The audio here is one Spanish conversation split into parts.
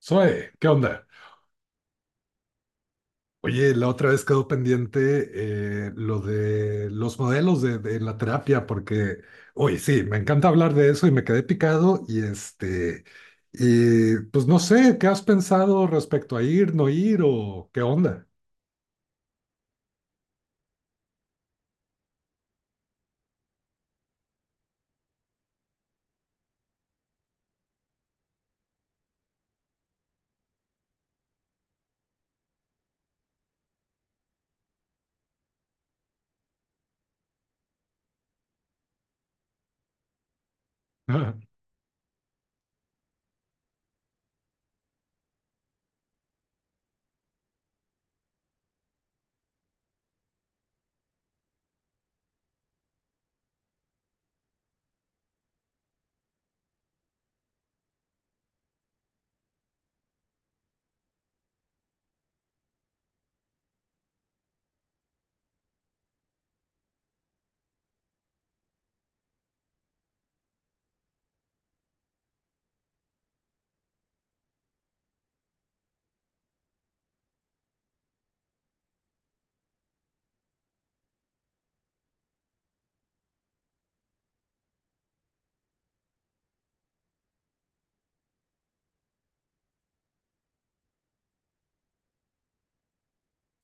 Zoe, ¿qué onda? Oye, la otra vez quedó pendiente lo de los modelos de la terapia, porque, oye, sí, me encanta hablar de eso y me quedé picado y pues no sé, ¿qué has pensado respecto a ir, no ir o qué onda? Ah,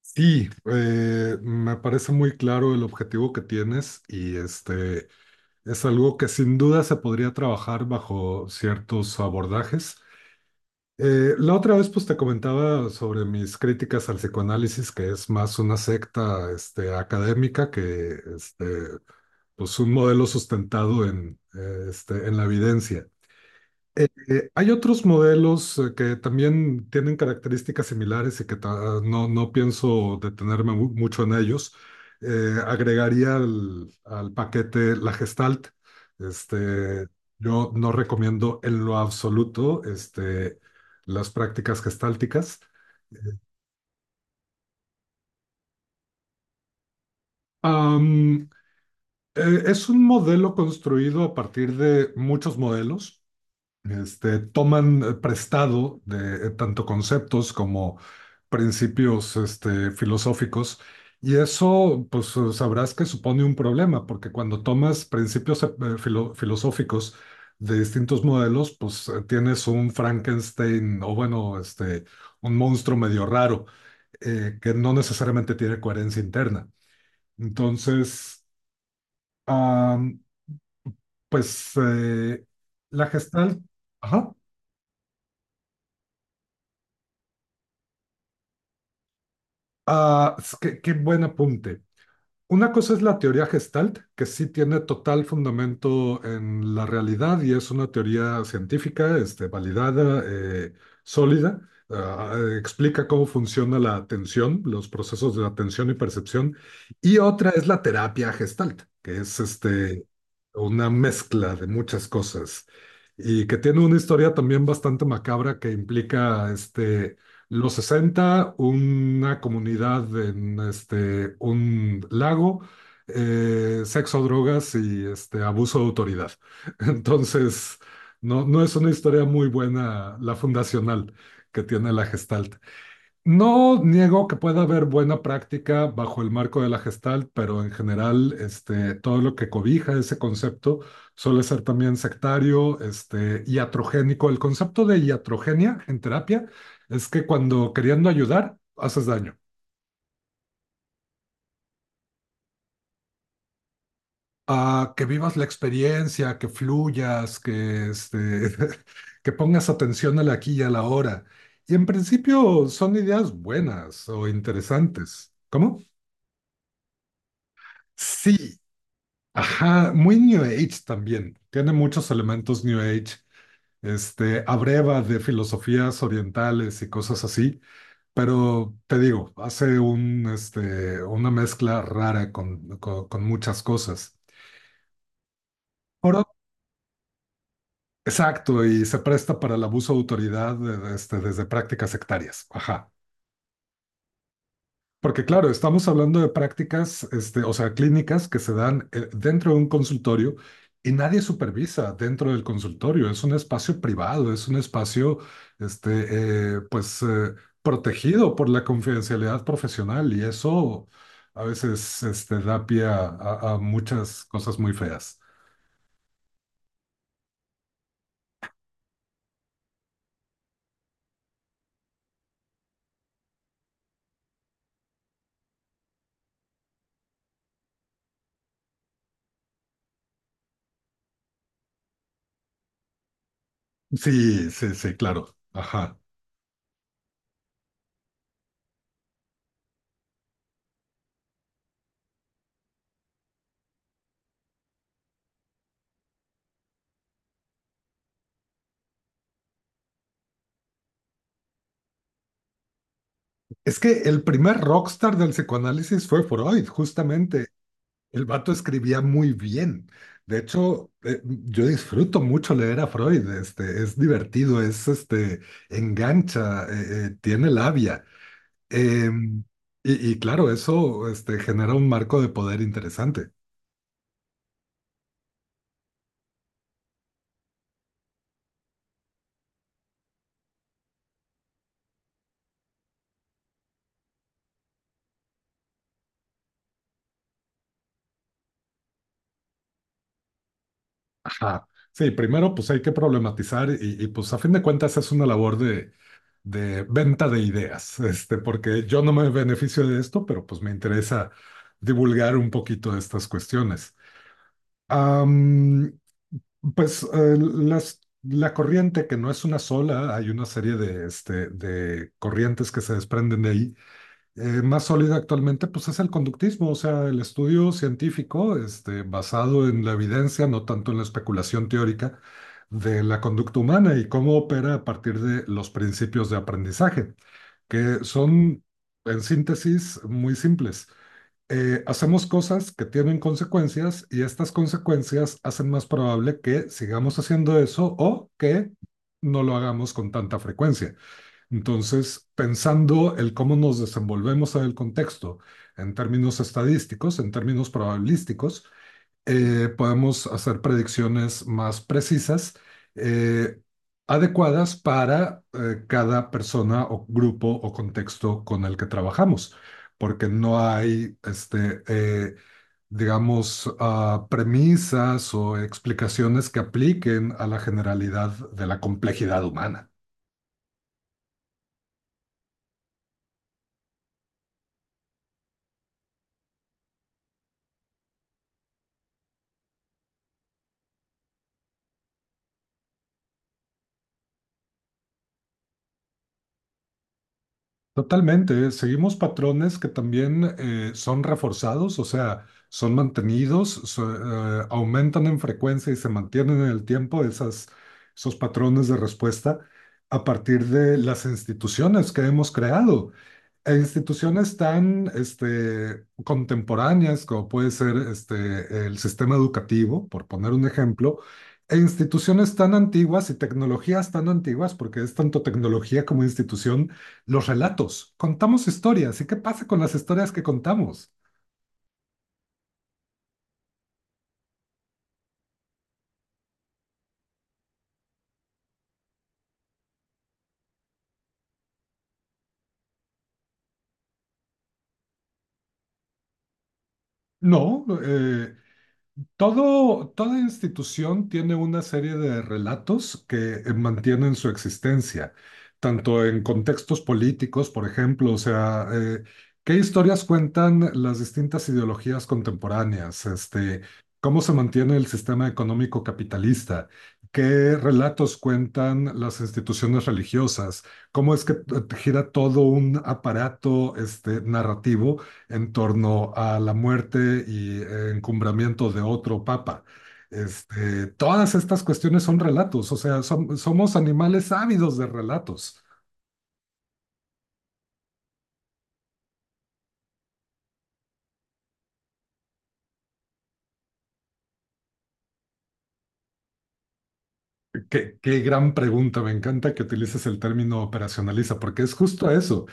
sí, me parece muy claro el objetivo que tienes y es algo que sin duda se podría trabajar bajo ciertos abordajes. La otra vez pues te comentaba sobre mis críticas al psicoanálisis, que es más una secta académica pues, un modelo sustentado en, en la evidencia. Hay otros modelos que también tienen características similares y que no, no pienso detenerme mucho en ellos. Agregaría al paquete la Gestalt. Este, yo no recomiendo en lo absoluto las prácticas gestálticas. Am, es un modelo construido a partir de muchos modelos. Toman prestado de tanto conceptos como principios filosóficos y eso, pues sabrás que supone un problema, porque cuando tomas principios filosóficos de distintos modelos, pues tienes un Frankenstein o bueno, un monstruo medio raro que no necesariamente tiene coherencia interna. Entonces, ah, pues la gestal... Ajá. Ah, qué buen apunte. Una cosa es la teoría Gestalt, que sí tiene total fundamento en la realidad y es una teoría científica, validada, sólida. Ah, explica cómo funciona la atención, los procesos de atención y percepción. Y otra es la terapia Gestalt, que es una mezcla de muchas cosas y que tiene una historia también bastante macabra que implica los 60, una comunidad en un lago, sexo, drogas y abuso de autoridad. Entonces, no, no es una historia muy buena la fundacional que tiene la Gestalt. No niego que pueda haber buena práctica bajo el marco de la Gestalt, pero en general, todo lo que cobija ese concepto suele ser también sectario, iatrogénico. El concepto de iatrogenia en terapia es que cuando queriendo ayudar, haces daño. A que vivas la experiencia, que fluyas, que pongas atención al aquí y a la hora. Y en principio son ideas buenas o interesantes. ¿Cómo? Sí, ajá, muy New Age también. Tiene muchos elementos New Age. Abreva de filosofías orientales y cosas así, pero te digo, una mezcla rara con muchas cosas. Por ot- exacto, y se presta para el abuso de autoridad, desde prácticas sectarias. Ajá. Porque claro, estamos hablando de prácticas, o sea, clínicas que se dan dentro de un consultorio y nadie supervisa dentro del consultorio. Es un espacio privado, es un espacio, pues, protegido por la confidencialidad profesional y eso a veces, da pie a, a muchas cosas muy feas. Sí, sí, sí, claro. Ajá. Es que el primer rockstar del psicoanálisis fue Freud, justamente. El vato escribía muy bien. De hecho, yo disfruto mucho leer a Freud. Este, es divertido, engancha, tiene labia. Em, y, y claro, eso genera un marco de poder interesante. Ajá. Sí, primero pues hay que problematizar pues a fin de cuentas es una labor de venta de ideas, porque yo no me beneficio de esto, pero pues me interesa divulgar un poquito de estas cuestiones. Am, Pues la corriente, que no es una sola, hay una serie de, de corrientes que se desprenden de ahí. Más sólida actualmente, pues es el conductismo, o sea, el estudio científico basado en la evidencia, no tanto en la especulación teórica de la conducta humana y cómo opera a partir de los principios de aprendizaje, que son, en síntesis, muy simples. Hacemos cosas que tienen consecuencias y estas consecuencias hacen más probable que sigamos haciendo eso o que no lo hagamos con tanta frecuencia. Entonces, pensando el cómo nos desenvolvemos en el contexto en términos estadísticos, en términos probabilísticos, podemos hacer predicciones más precisas, eh, adecuadas para cada persona o grupo o contexto con el que trabajamos, porque no hay, digamos, premisas o explicaciones que apliquen a la generalidad de la complejidad humana. Totalmente, ¿eh? Seguimos patrones que también son reforzados, o sea, son mantenidos, aumentan en frecuencia y se mantienen en el tiempo esos patrones de respuesta a partir de las instituciones que hemos creado. E instituciones tan contemporáneas como puede ser el sistema educativo, por poner un ejemplo, e instituciones tan antiguas y tecnologías tan antiguas, porque es tanto tecnología como institución los relatos, contamos historias. ¿Y qué pasa con las historias que contamos? No, todo, toda institución tiene una serie de relatos que mantienen su existencia, tanto en contextos políticos, por ejemplo, o sea, qué historias cuentan las distintas ideologías contemporáneas, cómo se mantiene el sistema económico capitalista, qué relatos cuentan las instituciones religiosas, cómo es que gira todo un aparato, narrativo en torno a la muerte y encumbramiento de otro papa. Todas estas cuestiones son relatos, o sea, somos animales ávidos de relatos. Qué, qué gran pregunta, me encanta que utilices el término operacionaliza, porque es justo eso.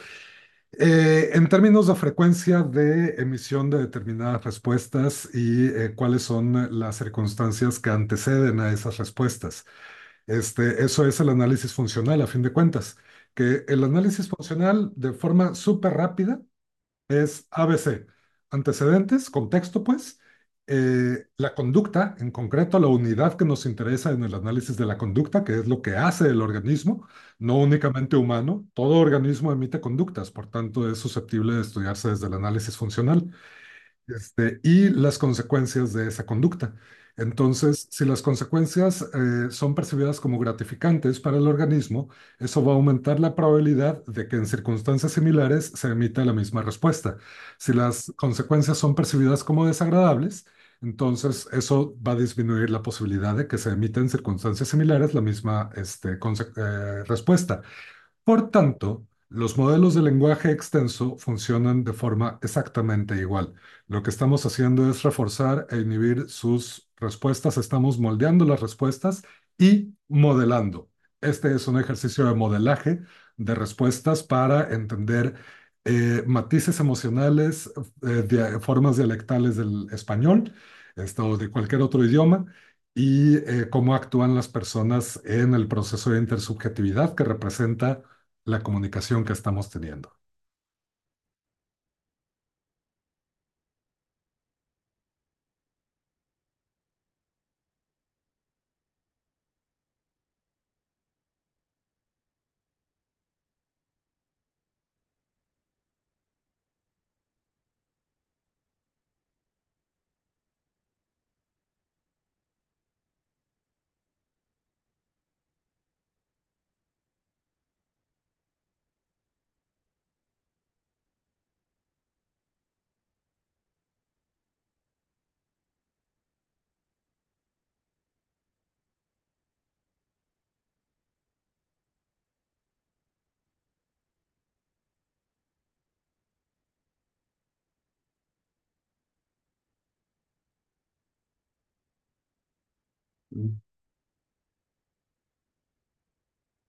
En términos de frecuencia de emisión de determinadas respuestas y cuáles son las circunstancias que anteceden a esas respuestas. Eso es el análisis funcional, a fin de cuentas, que el análisis funcional de forma súper rápida es ABC: antecedentes, contexto, pues, la conducta, en concreto la unidad que nos interesa en el análisis de la conducta, que es lo que hace el organismo, no únicamente humano, todo organismo emite conductas, por tanto es susceptible de estudiarse desde el análisis funcional y las consecuencias de esa conducta. Entonces, si las consecuencias son percibidas como gratificantes para el organismo, eso va a aumentar la probabilidad de que en circunstancias similares se emita la misma respuesta. Si las consecuencias son percibidas como desagradables, entonces eso va a disminuir la posibilidad de que se emita en circunstancias similares la misma respuesta. Por tanto, los modelos de lenguaje extenso funcionan de forma exactamente igual. Lo que estamos haciendo es reforzar e inhibir sus respuestas, estamos moldeando las respuestas y modelando. Este es un ejercicio de modelaje de respuestas para entender matices emocionales, formas dialectales del español, esto o de cualquier otro idioma y cómo actúan las personas en el proceso de intersubjetividad que representa la comunicación que estamos teniendo.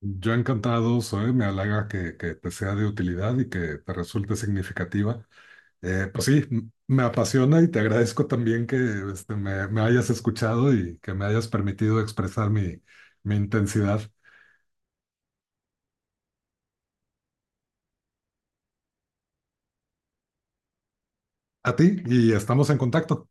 Yo encantado soy, me halaga que te sea de utilidad y que te resulte significativa. Pues sí, me apasiona y te agradezco también que me hayas escuchado y que me hayas permitido expresar mi intensidad a ti y estamos en contacto.